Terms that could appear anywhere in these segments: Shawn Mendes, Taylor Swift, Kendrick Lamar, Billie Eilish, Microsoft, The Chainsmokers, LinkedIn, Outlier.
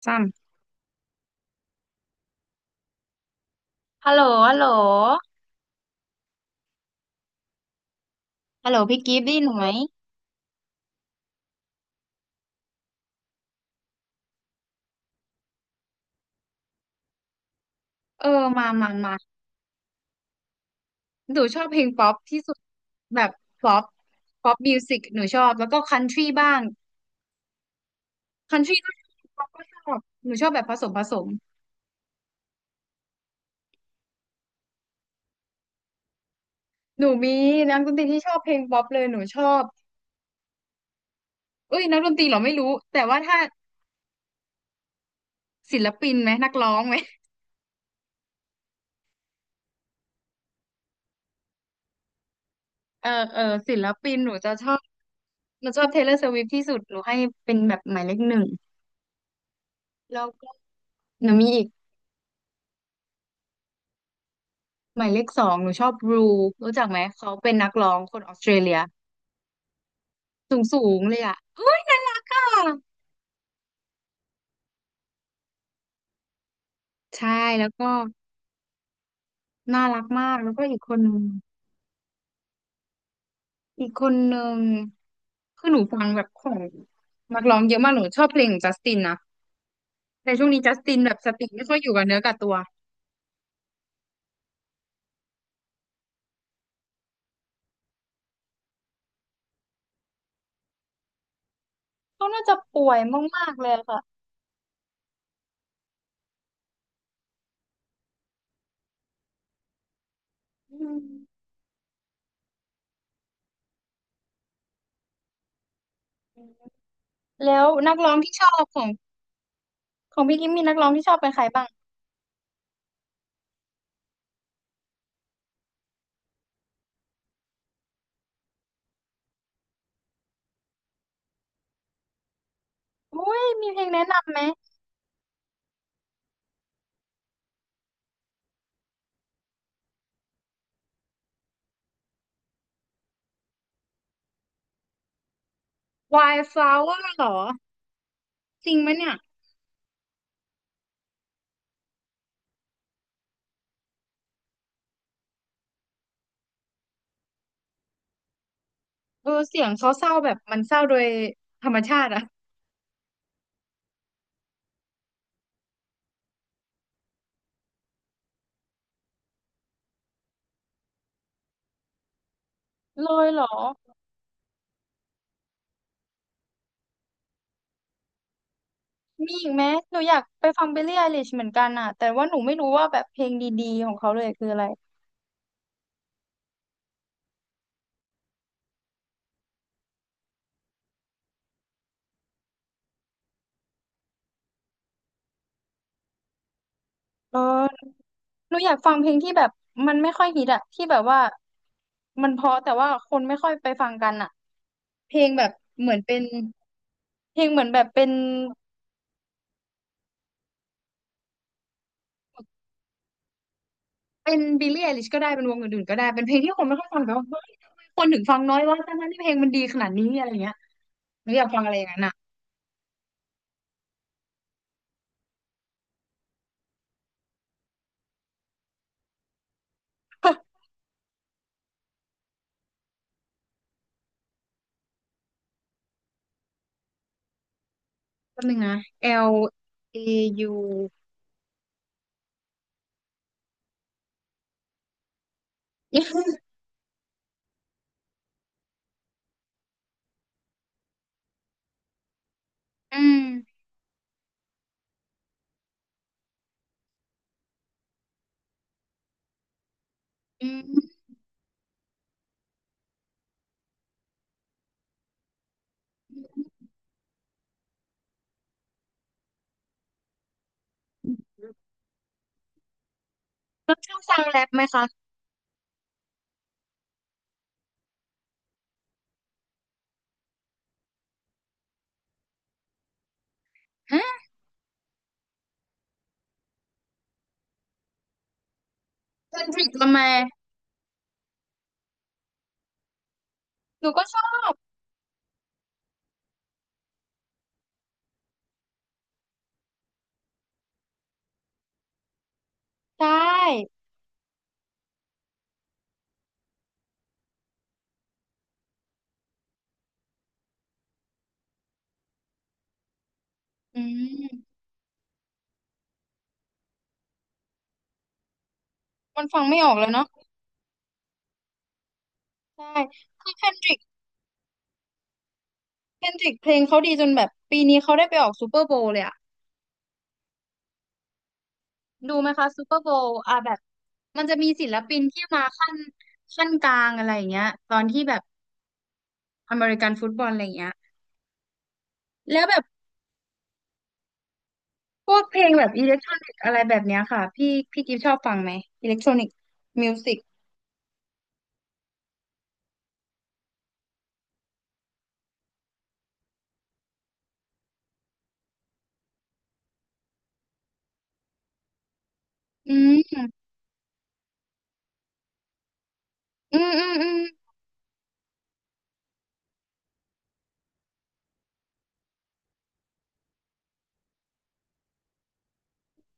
ซ้ฮัลโหลฮัลโหลฮัลโหลพี่กิฟต์ได้ยินหนูไหมำเออมามามาหนูชอบเพลงป๊อปที่สุดแบบป๊อปมิวสิกหนูชอบแล้วก็คันทรีบ้างคันทรีก็ชอบป๊อปก็ชอบหนูชอบแบบผสมผสมหนูมีนักดนตรีที่ชอบเพลงป๊อปเลยหนูชอบเอ้ยนักดนตรีเหรอไม่รู้แต่ว่าถ้าศิลปินไหมนักร้องไหมเออศิลปินหนูจะชอบหนูชอบเทย์เลอร์สวิฟที่สุดหนูให้เป็นแบบหมายเลข 1แล้วก็หนูมีอีก หมายเลข 2หนูชอบรูรู้จักไหมเขาเป็นนักร้องคนออสเตรเลียสูงเลยอ่ะเฮ้ยค่ะใช่แล้วก็น่ารักมากแล้วก็อีกคนนึงอีกคนนึงคือหนูฟังแบบของนักร้องเยอะมากหนูชอบเพลงของจัสตินนะแต่ช่วงนี้จัสตินแบบสติไม่ค่อยอยู่กับเนื้อกับตัวเขาน่าจะป่วยมากๆเลยค่ะอืมแล้วนักร้องที่ชอบของพี่กิมมีนักร้องที่ชอบเป็นใครบ้างอุ้ยมีเพลงแนะนำไหม Wildflower เหรอจริงไหมเนี่ย เออเสียงเขาเศร้าแบบมันเศร้าโดยธรรมชาติอะเลยเหรอมีอีกไหมหนูอยากไปฟัง b i l l ี่ไ i l i s h เหมือนกันอ่ะแต่ว่าหนูไม่รู้ว่าแบบเพลงดีๆของเขาเลยคืออะไรเออหนูอยากฟังเพลงที่แบบมันไม่ค่อยฮิตอะที่แบบว่ามันเพราะแต่ว่าคนไม่ค่อยไปฟังกันอะเพลงแบบเหมือนเป็นเพลงเหมือนแบบเป็นเป็นบิลลี่ไอลิชก็ได้เป็นวงอื่นๆก็ได้เป็นเพลงที่คนไม่ค่อยฟังแต่ว่าเฮ้ยทำไมคนถึงฟังน้อยวะทั้งๆที่เพลงมันดีขนาดนี้อะไรเงี้ยหนูอยากฟังอะไรอย่างนั้นอะ แป๊บนึงนะ L A U อืมอืมแล้วชอบฟังแรปไหมคะฮะเซนดริกละแมหนูก็ชอบใช่อืมมันฟังไม่ออกแล้วเนาะใช่คือเคนดริกเคนดริกเพลงเขาดีจนแบบปีนี้เขาได้ไปออกซูเปอร์โบว์เลยอะดูไหมคะซูเปอร์โบว์อ่ะแบบมันจะมีศิลปินที่มาขั้นกลางอะไรอย่างเงี้ยตอนที่แบบอเมริกันฟุตบอลอะไรอย่างเงี้ยแล้วแบบ พวกเพลงแบบอิเล็กทรอนิกอะไรแบบเนี้ยค่ะพี่พี่กิฟชอบฟังไหมอิเล็กทรอนิกมิวสิกอืมอืมอืมอืม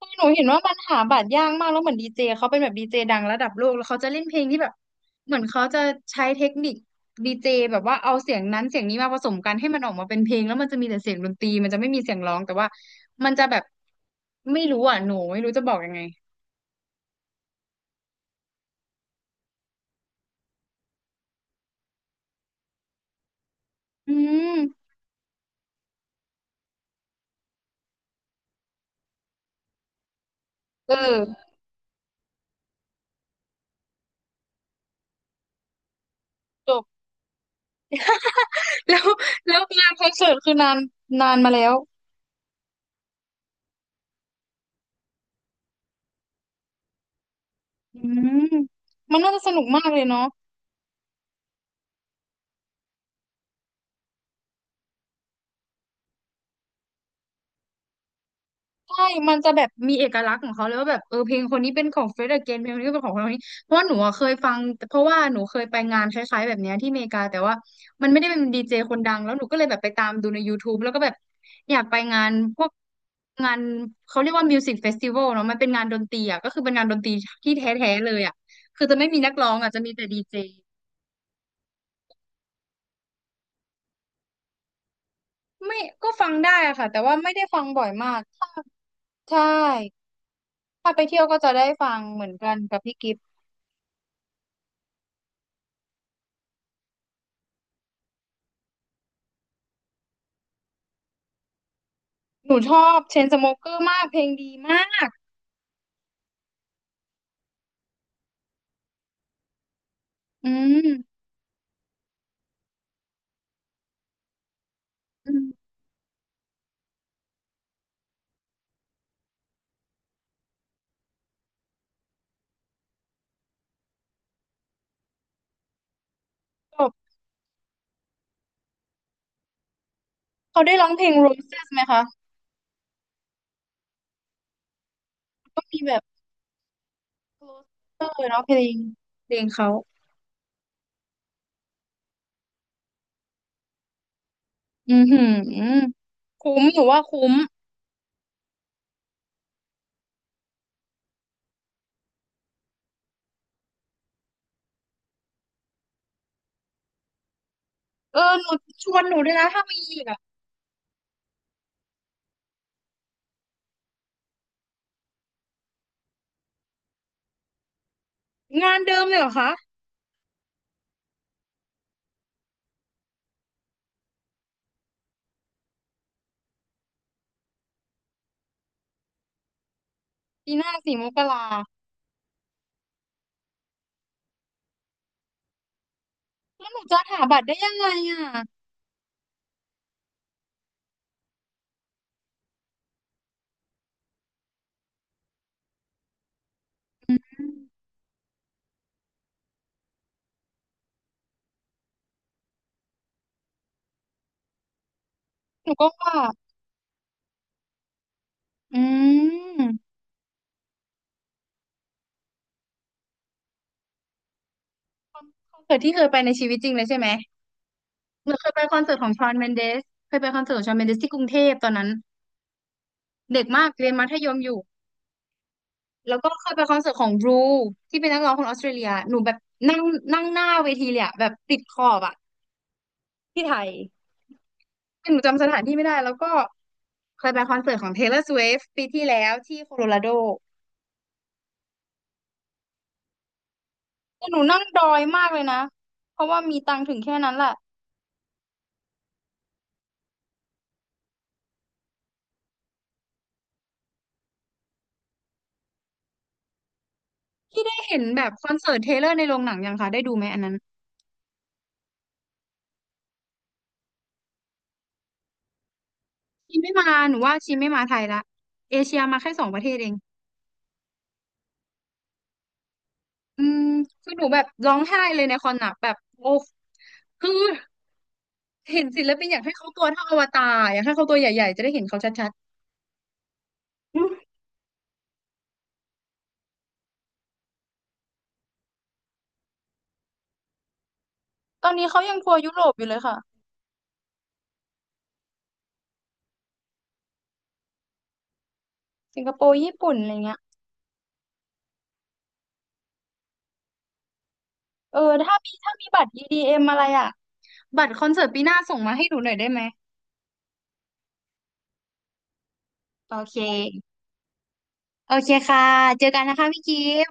คือหนูเห็นว่ามันหาบัตรยากมากแล้วเหมือนดีเจเขาเป็นแบบดีเจดังระดับโลกแล้วเขาจะเล่นเพลงที่แบบเหมือนเขาจะใช้เทคนิคดีเจแบบว่าเอาเสียงนั้นเสียงนี้มาผสมกันให้มันออกมาเป็นเพลงแล้วมันจะมีแต่เสียงดนตรีมันจะไม่มีเสียงร้องแต่ว่ามันจะแบบไม่รู้อ่ะหนูไม่รู้จะบอกยังไงอืมเออจบ แล้วแล้วงานคอนเสิร์ตคือนานนานมาแล้ว อืมมันน่าจะสนุกมากเลยเนาะใช่มันจะแบบมีเอกลักษณ์ของเขาเลยว่าแบบเออเพลงคนนี้เป็นของเฟร e เกนเพลงคนนี้ก็เป็นของคนนี้เพราะว่าหนูอะเคยฟังเพราะว่าหนูเคยไปงานคล้ายๆแบบเนี้ยที่อเมริกาแต่ว่ามันไม่ได้เป็นดีเจคนดังแล้วหนูก็เลยแบบไปตามดูใน YouTube แล้วก็แบบอยากไปงานพวกงานเขาเรียกว่ามิวสิกเฟสติวัลเนาะมันเป็นงานดนตรีอ่ะก็คือเป็นงานดนตรีที่แท้ๆเลยอ่ะคือจะไม่มีนักร้องอ่ะจะมีแต่ดีเจไม่ก็ฟังได้อะค่ะแต่ว่าไม่ได้ฟังบ่อยมากใช่ ถ้าไปเที่ยวก็จะได้ฟังเหมือนกันกับพี่กิฟต์หนูชอบเชนสโมเกอร์มากเพลงดีมากอืมอืมจบเขาได้ร้องเพลง Roses ไหมคะ ก็มีแบบ Closer เนาะเพลงเขาอือหือคุ้มหนูว่าคุ้ม เออหนูชวนหนูด้วยนะถ้ามีอีกอะงานเดิมเลยเหรอคะปีหน้า4 มกราแล้วหนูจะหาบัตรได้ยังไงอ่ะอืมหนูก็ว่าอืมคอนเสิร์ตที่เคยไปในชีวิตจริงเลยใช่ไหม หนูเคยไปคอนเสิร์ตของชอนเมนเดสเคยไปคอนเสิร์ตของชอนเมนเดสที่กรุงเทพตอนนั้นเด็กมากเรียนมัธยมอยู่แล้วก็เคยไปคอนเสิร์ตของบรูที่เป็นนักร้องคนออสเตรเลียหนูแบบนั่งนั่งหน้าเวทีเลยอะแบบติดขอบอะที่ไทยคือหนูจำสถานที่ไม่ได้แล้วก็เคยไปคอนเสิร์ตของ Taylor Swift ปีที่แล้วที่โคโลราโดแต่หนูนั่งดอยมากเลยนะเพราะว่ามีตังค์ถึงแค่นั้นแหละที่ได้เห็นแบบคอนเสิร์ตเทเลอร์ในโรงหนังยังคะได้ดูไหมอันนั้นชีไม่มาหนูว่าชีไม่มาไทยละเอเชียมาแค่2 ประเทศเอง อืมคือหนูแบบร้องไห้เลยในคอนหนักแบบโอ้คือเห็นศิลปินอยากให้เขาตัวเท่าอวตารอยากให้เขาตัวใหญ่ๆจะได้เห็นเขาชัดๆอืมตอนนี้เขายังทัวร์ยุโรปอยู่เลยค่ะสิงคโปร์ญี่ปุ่นอะไรเงี้ยเออถ้ามีบัตร EDM อมอะไรอ่ะบัตรคอนเสิร์ตปีหน้าส่งมาให้หนูหน่อยได้ไหมโอเคโอเคค่ะเจอกันนะคะพี่กิฟ